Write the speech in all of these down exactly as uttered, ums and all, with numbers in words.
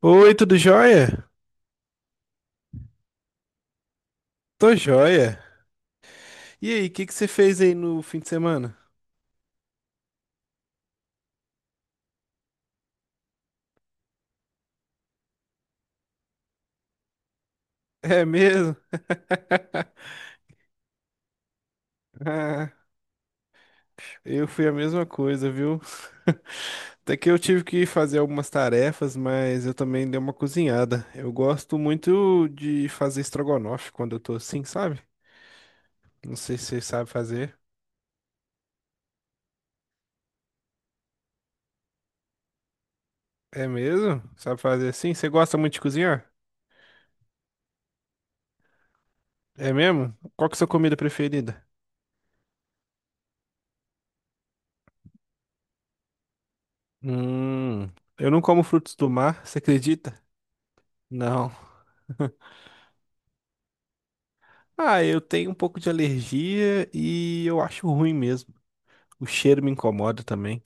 Oi, tudo jóia? Tô jóia. E aí, o que que você fez aí no fim de semana? É mesmo? Ah, eu fui a mesma coisa, viu? Até que eu tive que fazer algumas tarefas, mas eu também dei uma cozinhada. Eu gosto muito de fazer estrogonofe quando eu tô assim, sabe? Não sei se você sabe fazer. É mesmo? Sabe fazer assim? Você gosta muito de cozinhar? É mesmo? Qual que é a sua comida preferida? Hum, eu não como frutos do mar, você acredita? Não. Ah, eu tenho um pouco de alergia e eu acho ruim mesmo. O cheiro me incomoda também.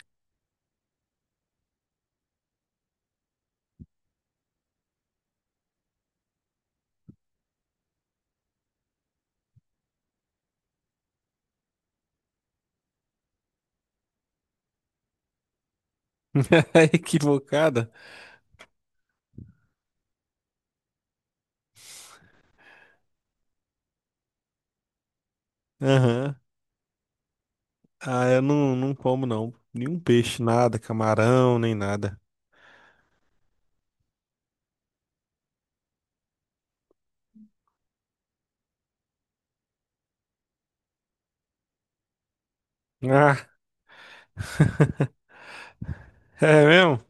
Equivocada? Aham. Ah, eu não, não como não. Nenhum peixe, nada, camarão, nem nada. Ah, é mesmo?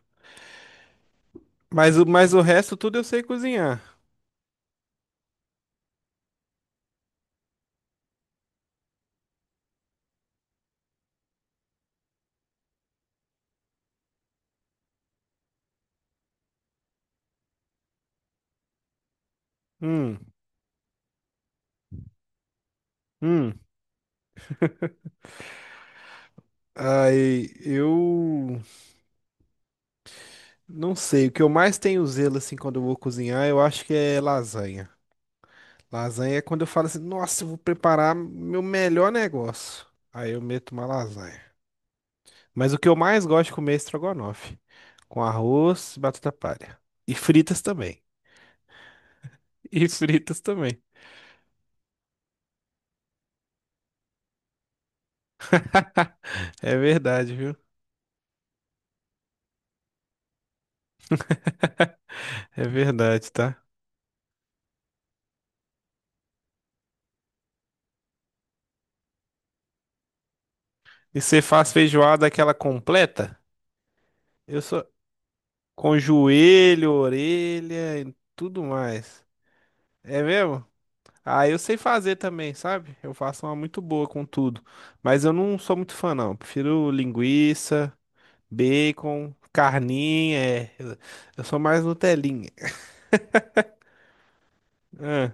Mas, o- mas o resto tudo eu sei cozinhar. Hum, hum. Aí, eu não sei. O que eu mais tenho zelo assim quando eu vou cozinhar, eu acho que é lasanha. Lasanha é quando eu falo assim, nossa, eu vou preparar meu melhor negócio. Aí eu meto uma lasanha. Mas o que eu mais gosto de comer é estrogonofe, com arroz e batata palha. E fritas também. E fritas também. É verdade, viu? É verdade, tá? E você faz feijoada aquela completa? Eu sou com joelho, orelha e tudo mais. É mesmo? Ah, eu sei fazer também, sabe? Eu faço uma muito boa com tudo. Mas eu não sou muito fã, não. Eu prefiro linguiça, bacon, carninha. É. Eu eu sou mais Nutelinha. Ah,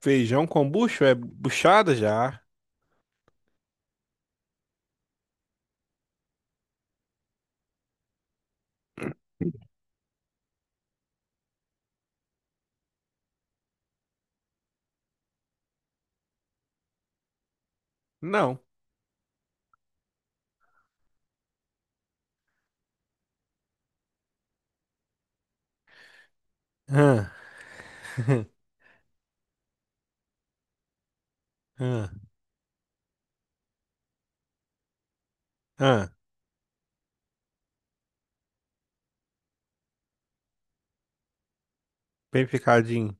feijão com bucho? É buchada já? Não. Ah, ah, ah, bem picadinho.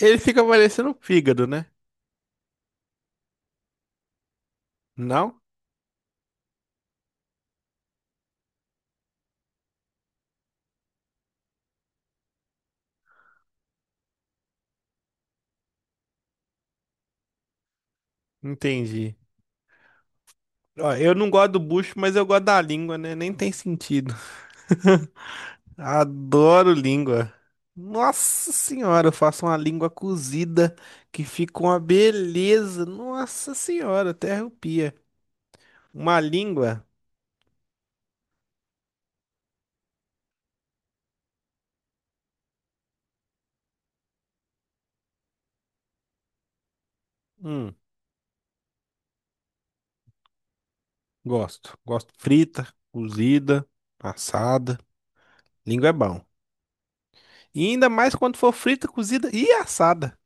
Ele fica parecendo fígado, né? Não? Entendi. Ó, eu não gosto do bucho, mas eu gosto da língua, né? Nem tem sentido. Adoro língua. Nossa senhora, eu faço uma língua cozida que fica uma beleza. Nossa senhora, até arrepia. Uma língua, hum, gosto. Gosto frita, cozida, assada. Língua é bom. E ainda mais quando for frita, cozida e assada.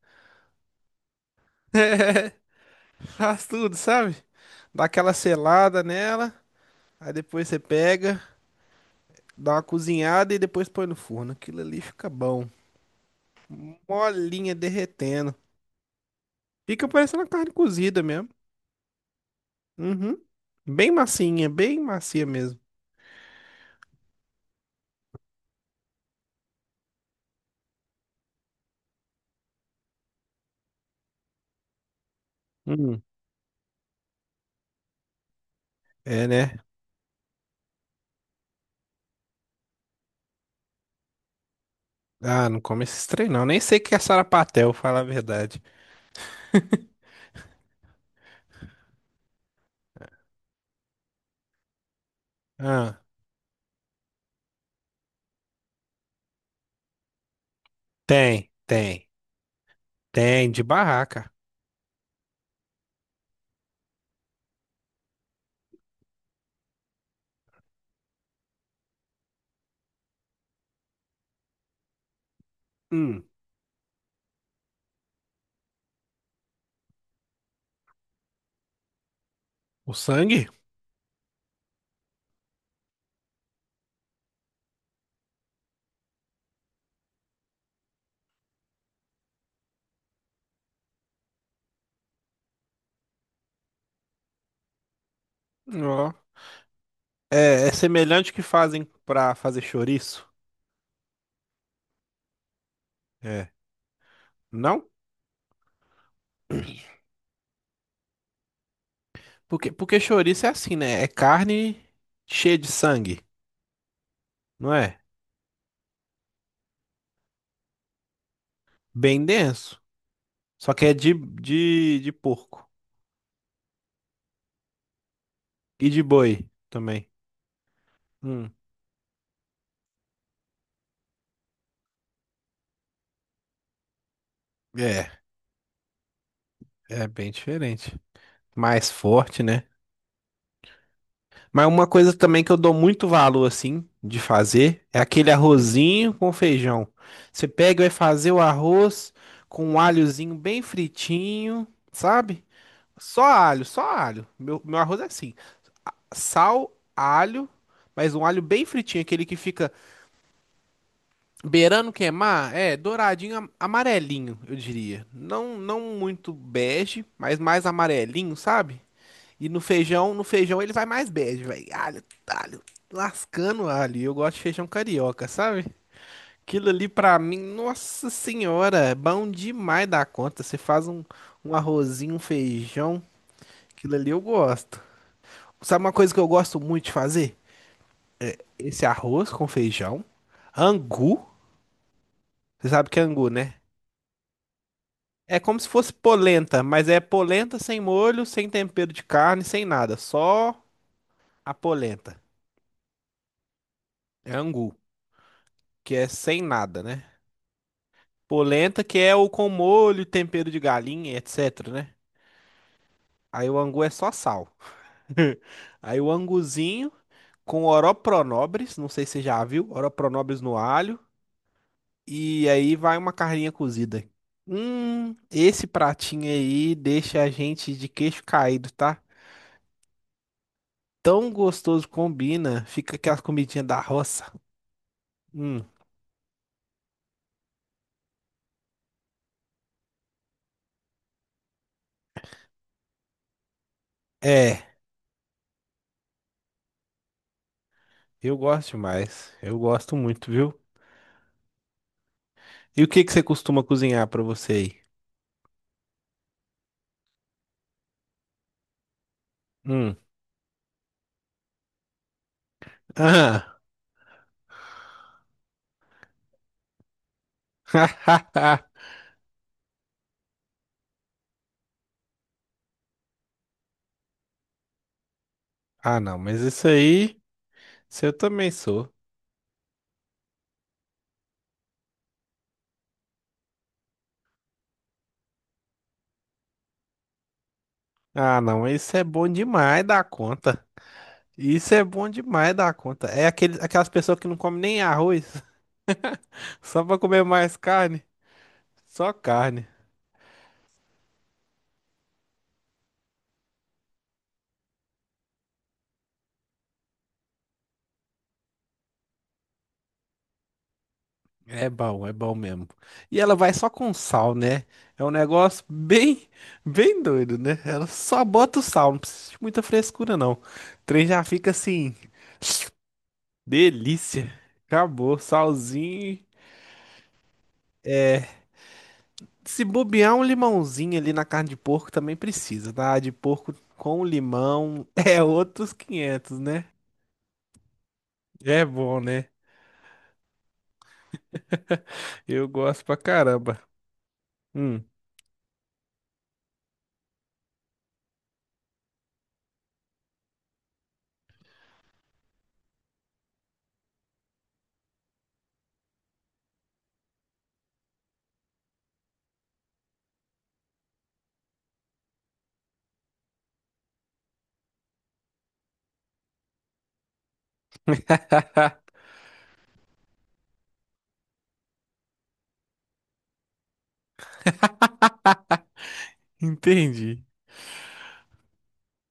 Faz tudo, sabe? Dá aquela selada nela, aí depois você pega, dá uma cozinhada e depois põe no forno. Aquilo ali fica bom. Molinha derretendo. Fica parecendo uma carne cozida mesmo. Uhum. Bem massinha, bem macia mesmo. Hum. É, né? Ah, não come esse trem não. Nem sei o que é sarapatel, fala a verdade. Ah, tem, tem, tem, de barraca. Hum. O sangue? Ó. É, é semelhante ao que fazem pra fazer chouriço? É. Não? Porque, porque chouriço é assim, né? É carne cheia de sangue, não é? Bem denso. Só que é de, de, de porco. E de boi também. Hum, é, é bem diferente. Mais forte, né? Mas uma coisa também que eu dou muito valor, assim, de fazer é aquele arrozinho com feijão. Você pega e vai fazer o arroz com um alhozinho bem fritinho, sabe? Só alho, só alho. Meu, meu arroz é assim: sal, alho, mas um alho bem fritinho, aquele que fica beirando queimar, é douradinho, am- amarelinho, eu diria. Não, não muito bege, mas mais amarelinho, sabe? E no feijão, no feijão ele vai mais bege, velho. Alho, alho, lascando alho. Eu gosto de feijão carioca, sabe? Aquilo ali pra mim, nossa senhora, é bom demais da conta. Você faz um, um, arrozinho, um feijão, aquilo ali eu gosto. Sabe uma coisa que eu gosto muito de fazer? Esse arroz com feijão, angu. Você sabe que é angu, né? É como se fosse polenta, mas é polenta sem molho, sem tempero de carne, sem nada. Só a polenta. É angu, que é sem nada, né? Polenta que é o com molho, tempero de galinha, etc, né? Aí o angu é só sal. Aí o anguzinho com oropronobres, não sei se você já viu, oropronobres no alho. E aí vai uma carninha cozida. Hum, esse pratinho aí deixa a gente de queixo caído, tá? Tão gostoso combina, fica aquela comidinhas da roça. Hum, é, eu gosto demais. Eu gosto muito, viu? E o que que você costuma cozinhar pra você aí? Hum, aham. Ah, não, mas isso aí, isso eu também sou. Ah, não, isso é bom demais da conta. Isso é bom demais da conta. É aquele, aquelas pessoas que não comem nem arroz, só pra comer mais carne. Só carne. É bom, é bom mesmo. E ela vai só com sal, né? É um negócio bem, bem doido, né? Ela só bota o sal, não precisa de muita frescura, não. O trem já fica assim, delícia. Acabou, salzinho. É, se bobear um limãozinho ali na carne de porco também precisa, tá? A de porco com limão é outros quinhentos, né? É bom, né? Eu gosto pra caramba. Hum, entendi.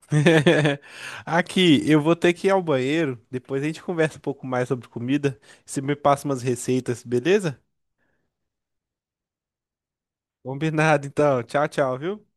Aqui, eu vou ter que ir ao banheiro. Depois a gente conversa um pouco mais sobre comida. Você me passa umas receitas, beleza? Combinado, então. Tchau, tchau, viu?